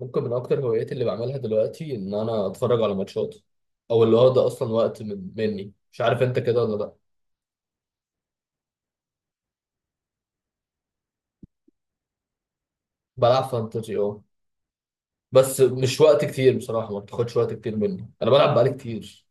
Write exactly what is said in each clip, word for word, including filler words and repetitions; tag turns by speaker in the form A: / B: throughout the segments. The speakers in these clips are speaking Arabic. A: ممكن من اكتر هواياتي اللي بعملها دلوقتي ان انا اتفرج على ماتشات، او اللي هو ده اصلا وقت من مني، مش عارف انت كده ولا لا. بلعب فانتزي اه. بس مش وقت كتير بصراحه، ما بتاخدش وقت كتير مني، انا بلعب بقالي كتير.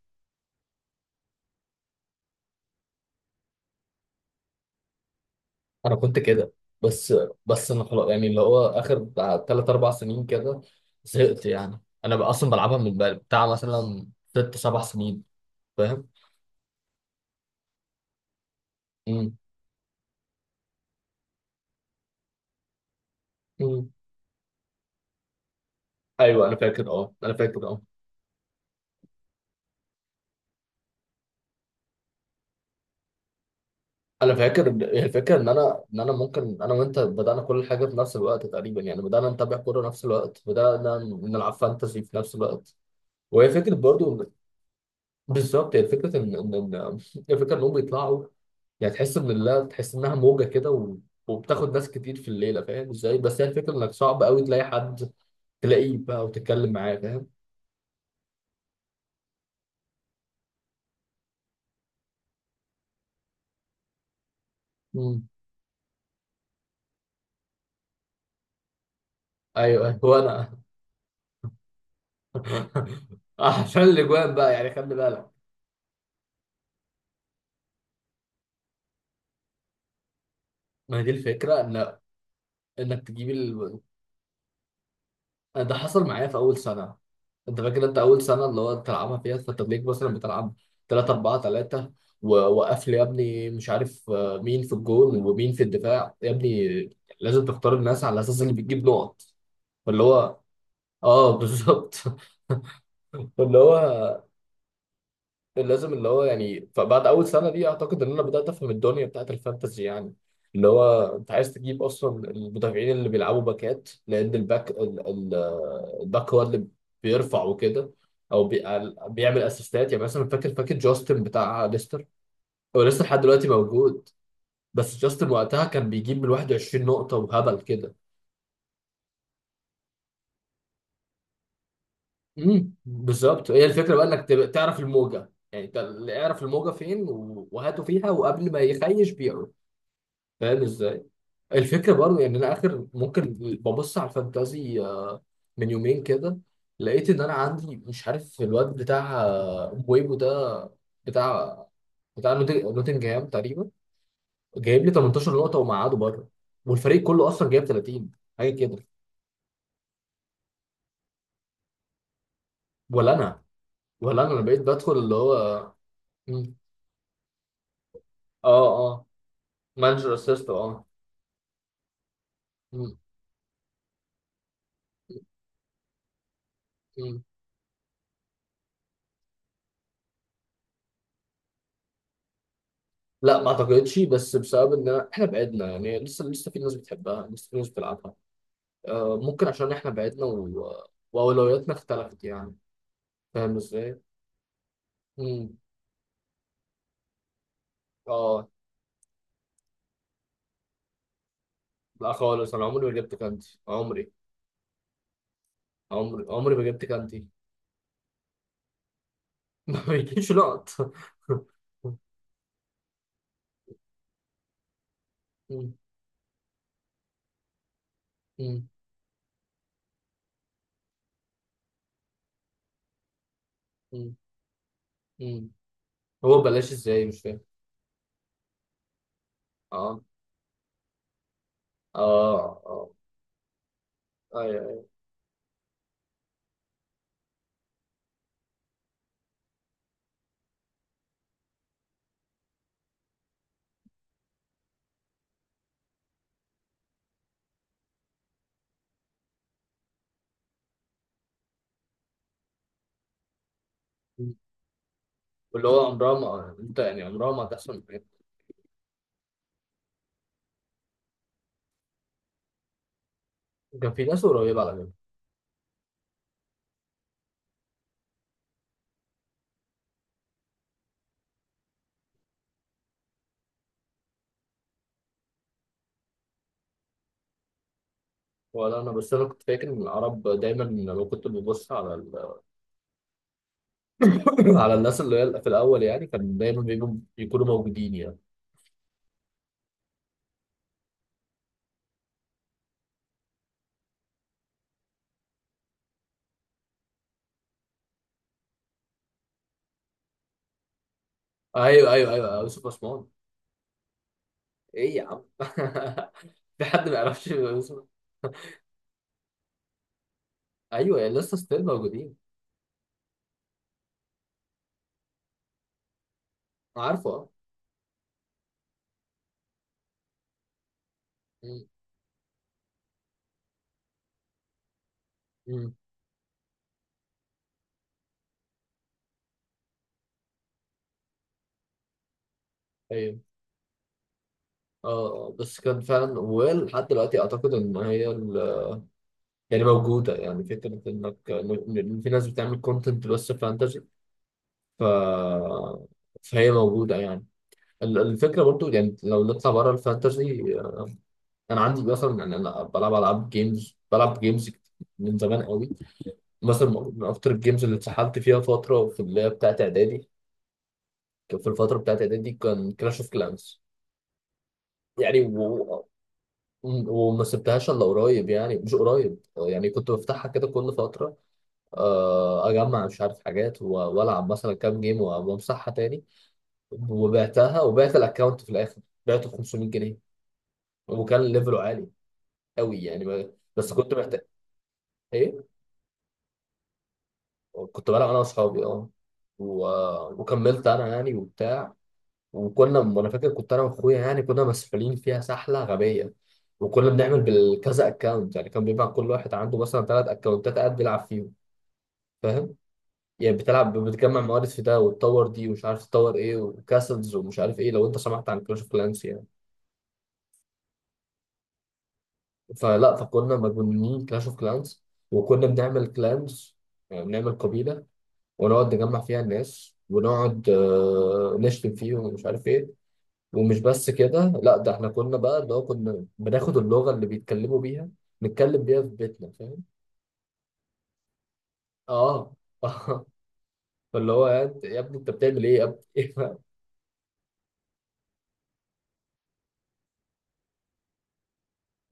A: انا كنت كده. بس بس انا خلاص يعني اللي هو اخر بتاع تلات اربع سنين كده، زهقت يعني، انا بقى اصلا بلعبها من بقى- بتاع مثلا ست سبع سنين. فاهم؟ امم. أمم. ايوه انا فاكر اه، انا فاكر اه. انا فاكر إن- الفكره، ان انا ان انا ممكن انا وانت بدانا كل حاجه في نفس الوقت تقريبا، يعني بدانا نتابع كوره نفس الوقت، بدانا نلعب فانتسي في نفس الوقت. وهي فكره برضو إن- بالظبط. هي فكره ان ان ان هي فكره انهم بيطلعوا يعني، تحس ان لا تحس انها موجه كده و... وبتاخد ناس كتير في الليله. فاهم ازاي؟ بس هي الفكره انك صعب قوي تلاقي حد، تلاقيه بقى وتتكلم معاه. فاهم؟ مم. ايوه ايوه وانا. عشان الاجوان بقى يعني، خلي بالك. ما هي دي الفكره ان انك تجيب ال... ده حصل معايا في اول سنه. انت فاكر انت اول سنه اللي هو بتلعبها فيها فترليك مثلا بتلعب ثلاثة أربعة تلاتة، ووقف لي يا ابني مش عارف آه، مين في الجول ومين في الدفاع يا ابني. لازم تختار الناس على اساس اللي بتجيب نقط. فاللي هو اه، بالظبط. فاللي هو لازم اللي هو يعني. فبعد اول سنه دي اعتقد ان انا بدات افهم الدنيا بتاعت الفانتزي يعني، اللي هو انت عايز تجيب اصلا المدافعين اللي بيلعبوا باكات، لان الباك ال- ال- الباك هو اللي بيرفع وكده، او بي- بيعمل اسيستات. يعني مثلا فاكر فاكر جاستن بتاع ليستر، هو لسه لحد دلوقتي موجود. بس جاستن وقتها كان بيجيب من واحد وعشرين نقطة نقطه وهبل كده. امم بالظبط. هي الفكره بقى انك تبقى- تعرف الموجه، يعني ت- اعرف الموجه فين و- وهاته فيها وقبل ما يخيش بيعه. فاهم ازاي؟ الفكره برضه يعني انا اخر ممكن ببص على الفانتازي آه، من يومين كده، لقيت ان انا عندي مش عارف الواد بتاع آه، بويبو ده، بتاع بتاع نوت- نوتنجهام تقريبا، جايب لي تمنتاشر نقطة نقطه ومقعده بره، والفريق كله اصلا جايب تلاتين حاجه كده. ولا انا. ولا انا انا بقيت بدخل اللي هو. مم. اه اه. مانجر اسيست اه. مم. مم. لا ما اعتقدش، بس بسبب ان احنا بعدنا يعني، لسه لسه في ناس بتحبها، لسه في ناس بتلعبها. آه، ممكن عشان احنا بعدنا و... واولوياتنا اختلفت يعني. فاهم ازاي؟ امم. اه. لا خالص، انا عمري ما جبت كانتي. عمري عمري عمري ما جبت كانتي. ما بيجيش لقط. مم، مم، مم، مم. هو بلاش ازاي؟ مش فاهم. اه اه اه ايوه أيوة. مم. واللي هو عمرها ما يعني، انت يعني عمرها ما هتحصل معاك. كان في ناس قريبة على فكرة. ولا انا، بس انا كنت فاكر ان العرب دايما لما كنت ببص على، على الناس اللي هي في الاول يعني، كان دايما بيبقوا يكونوا موجودين يعني. ايوه ايوه ايوه أيوه، يوسف عثمان. ايه يا عم؟ في حد ما يعرفش يوسف؟ ايوه يعني لسه ستيل موجودين. عارفه اه. أمم، أمم، ايوه اه. آه، بس كان فعلا ولحد دلوقتي اعتقد ان هي ال- يعني موجوده، يعني فكره انك إن- إن في ناس بتعمل كونتنت بس فانتزي. ف فهي موجوده يعني. ال- الفكره برضو يعني لو نطلع بره الفانتزي، انا عندي مثلا، يعني انا بلعب العاب جيمز، بلعب جيمز من زمان قوي. مثلا من اكتر الجيمز اللي اتسحلت فيها فتره في اللي هي بتاعت اعدادي، كان في الفتره بتاعت اعدادي كان كلاش اوف كلانس يعني، و... وما سبتهاش الا قريب، يعني مش قريب يعني، كنت بفتحها كده كل فتره آه، اجمع مش عارف حاجات و- والعب مثلا كام جيم و- وامسحها تاني، وبعتها وبعت الاكونت في الاخر، بعته ب خمسمية جنيه، وكان ليفله عالي قوي يعني. ما- بس كنت محتاج. إيه؟ كنت بلعب انا واصحابي اه، و... وكملت انا يعني وبتاع، وكنا، وانا فاكر كنت انا واخويا يعني كنا مسؤولين فيها سحله غبيه، وكنا بنعمل بالكذا اكونت، يعني كان بيبقى كل واحد عنده مثلا ثلاث اكونتات قاعد بيلعب فيهم. فاهم؟ يعني بتلعب، بتجمع موارد في ده وتطور دي ومش عارف تطور ايه وكاسلز ومش عارف ايه، لو انت سمعت عن كلاش اوف كلانس يعني. فلا فكنا مجنونين كلاش اوف كلانس، وكنا بنعمل كلانز يعني بنعمل قبيله، ونقعد نجمع فيها الناس، ونقعد آه، نشتم فيهم ومش عارف ايه. ومش بس كده، لا، ده احنا كنا بقى اللي هو كنا بناخد اللغة اللي بيتكلموا بيها نتكلم بيها في بيتنا. فاهم؟ اه. اه. فاللي هو يا أنت- يا ابني انت بتعمل ايه يا ابني؟ ايه بقى؟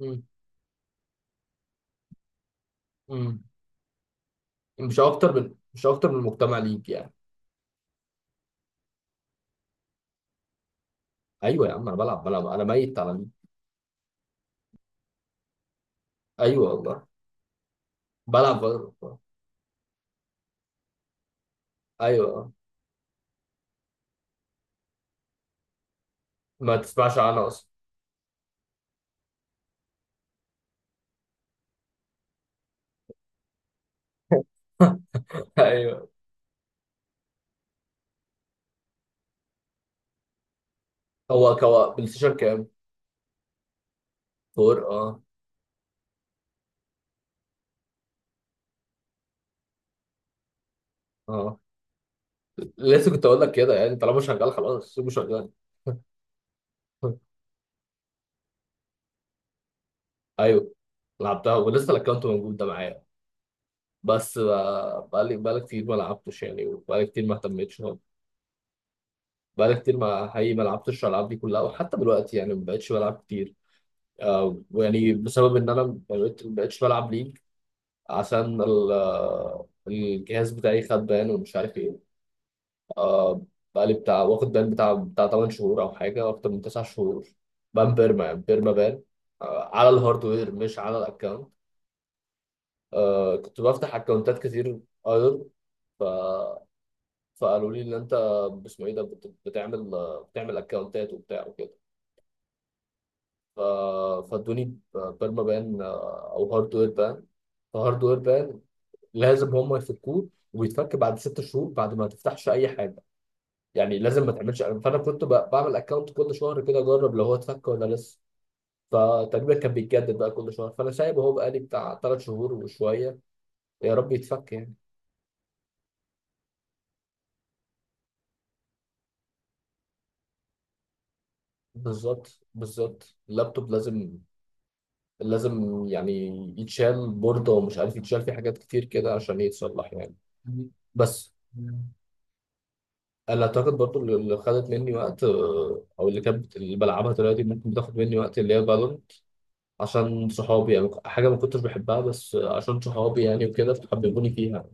A: مم. مم. مش اكتر من مش اكتر من المجتمع ليك يعني. ايوه يا عم، انا بلعب بلعب انا ميت على ليك. ايوه والله. بلعب بلعب. ايوه ما تسمعش عنها اصلا. ايوه. هو كوا بلاي ستيشن كام؟ فور اه. اه لسه كنت اقول لك كده، يعني طالما شغال خلاص سيبه شغال. ايوه. لعبتها ولسه الاكونت موجود ده معايا. بس بقى- بقالي بقالي كتير ما لعبتش يعني، وبقالي كتير ما اهتمتش خالص. بقالي كتير ما حقيقي ما لعبتش الالعاب دي كلها، وحتى دلوقتي يعني ما بقتش بلعب كتير. آه، ويعني بسبب ان انا ما بقيت- ما بقتش بلعب ليج، عشان ال- آه، الجهاز بتاعي خد بان ومش عارف ايه. آه، بقالي بتاع واخد بان بتاع بتاع 8 شهور او حاجه اكتر من 9 شهور. بان بيرما، يعني بيرما بان، آه على الهاردوير مش على الاكونت. آه كنت بفتح اكونتات كتير ايدل. ف فقالوا لي ان انت باسمه ايه ده بت- بتعمل آه، بتعمل اكونتات وبتاع وكده. ف فادوني بيرما بان، آه، او هاردوير بان. فهاردوير بان لازم هم يفكوه، وبيتفك بعد ست شهور بعد ما تفتحش اي حاجه. يعني لازم ما تعملش. فانا كنت ب- بعمل اكونت كل شهر كده، اجرب لو هو اتفك ولا لسه. فتقريبا كان بيتجدد بقى كل شهر، فانا سايبه اهو بقالي بتاع ثلاث شهور وشويه، يا رب يتفك يعني. بالظبط بالظبط. اللابتوب لازم لازم يعني يتشال بورده، ومش عارف، يتشال في حاجات كتير كده عشان يتصلح يعني. بس انا اعتقد برضو اللي اللي خدت مني وقت آه، او اللي كانت بت- اللي بلعبها دلوقتي، ممكن بتاخد مني وقت. اللي هي عشان صحابي، يعني حاجة ما كنتش بحبها بس عشان صحابي يعني وكده فحببوني فيها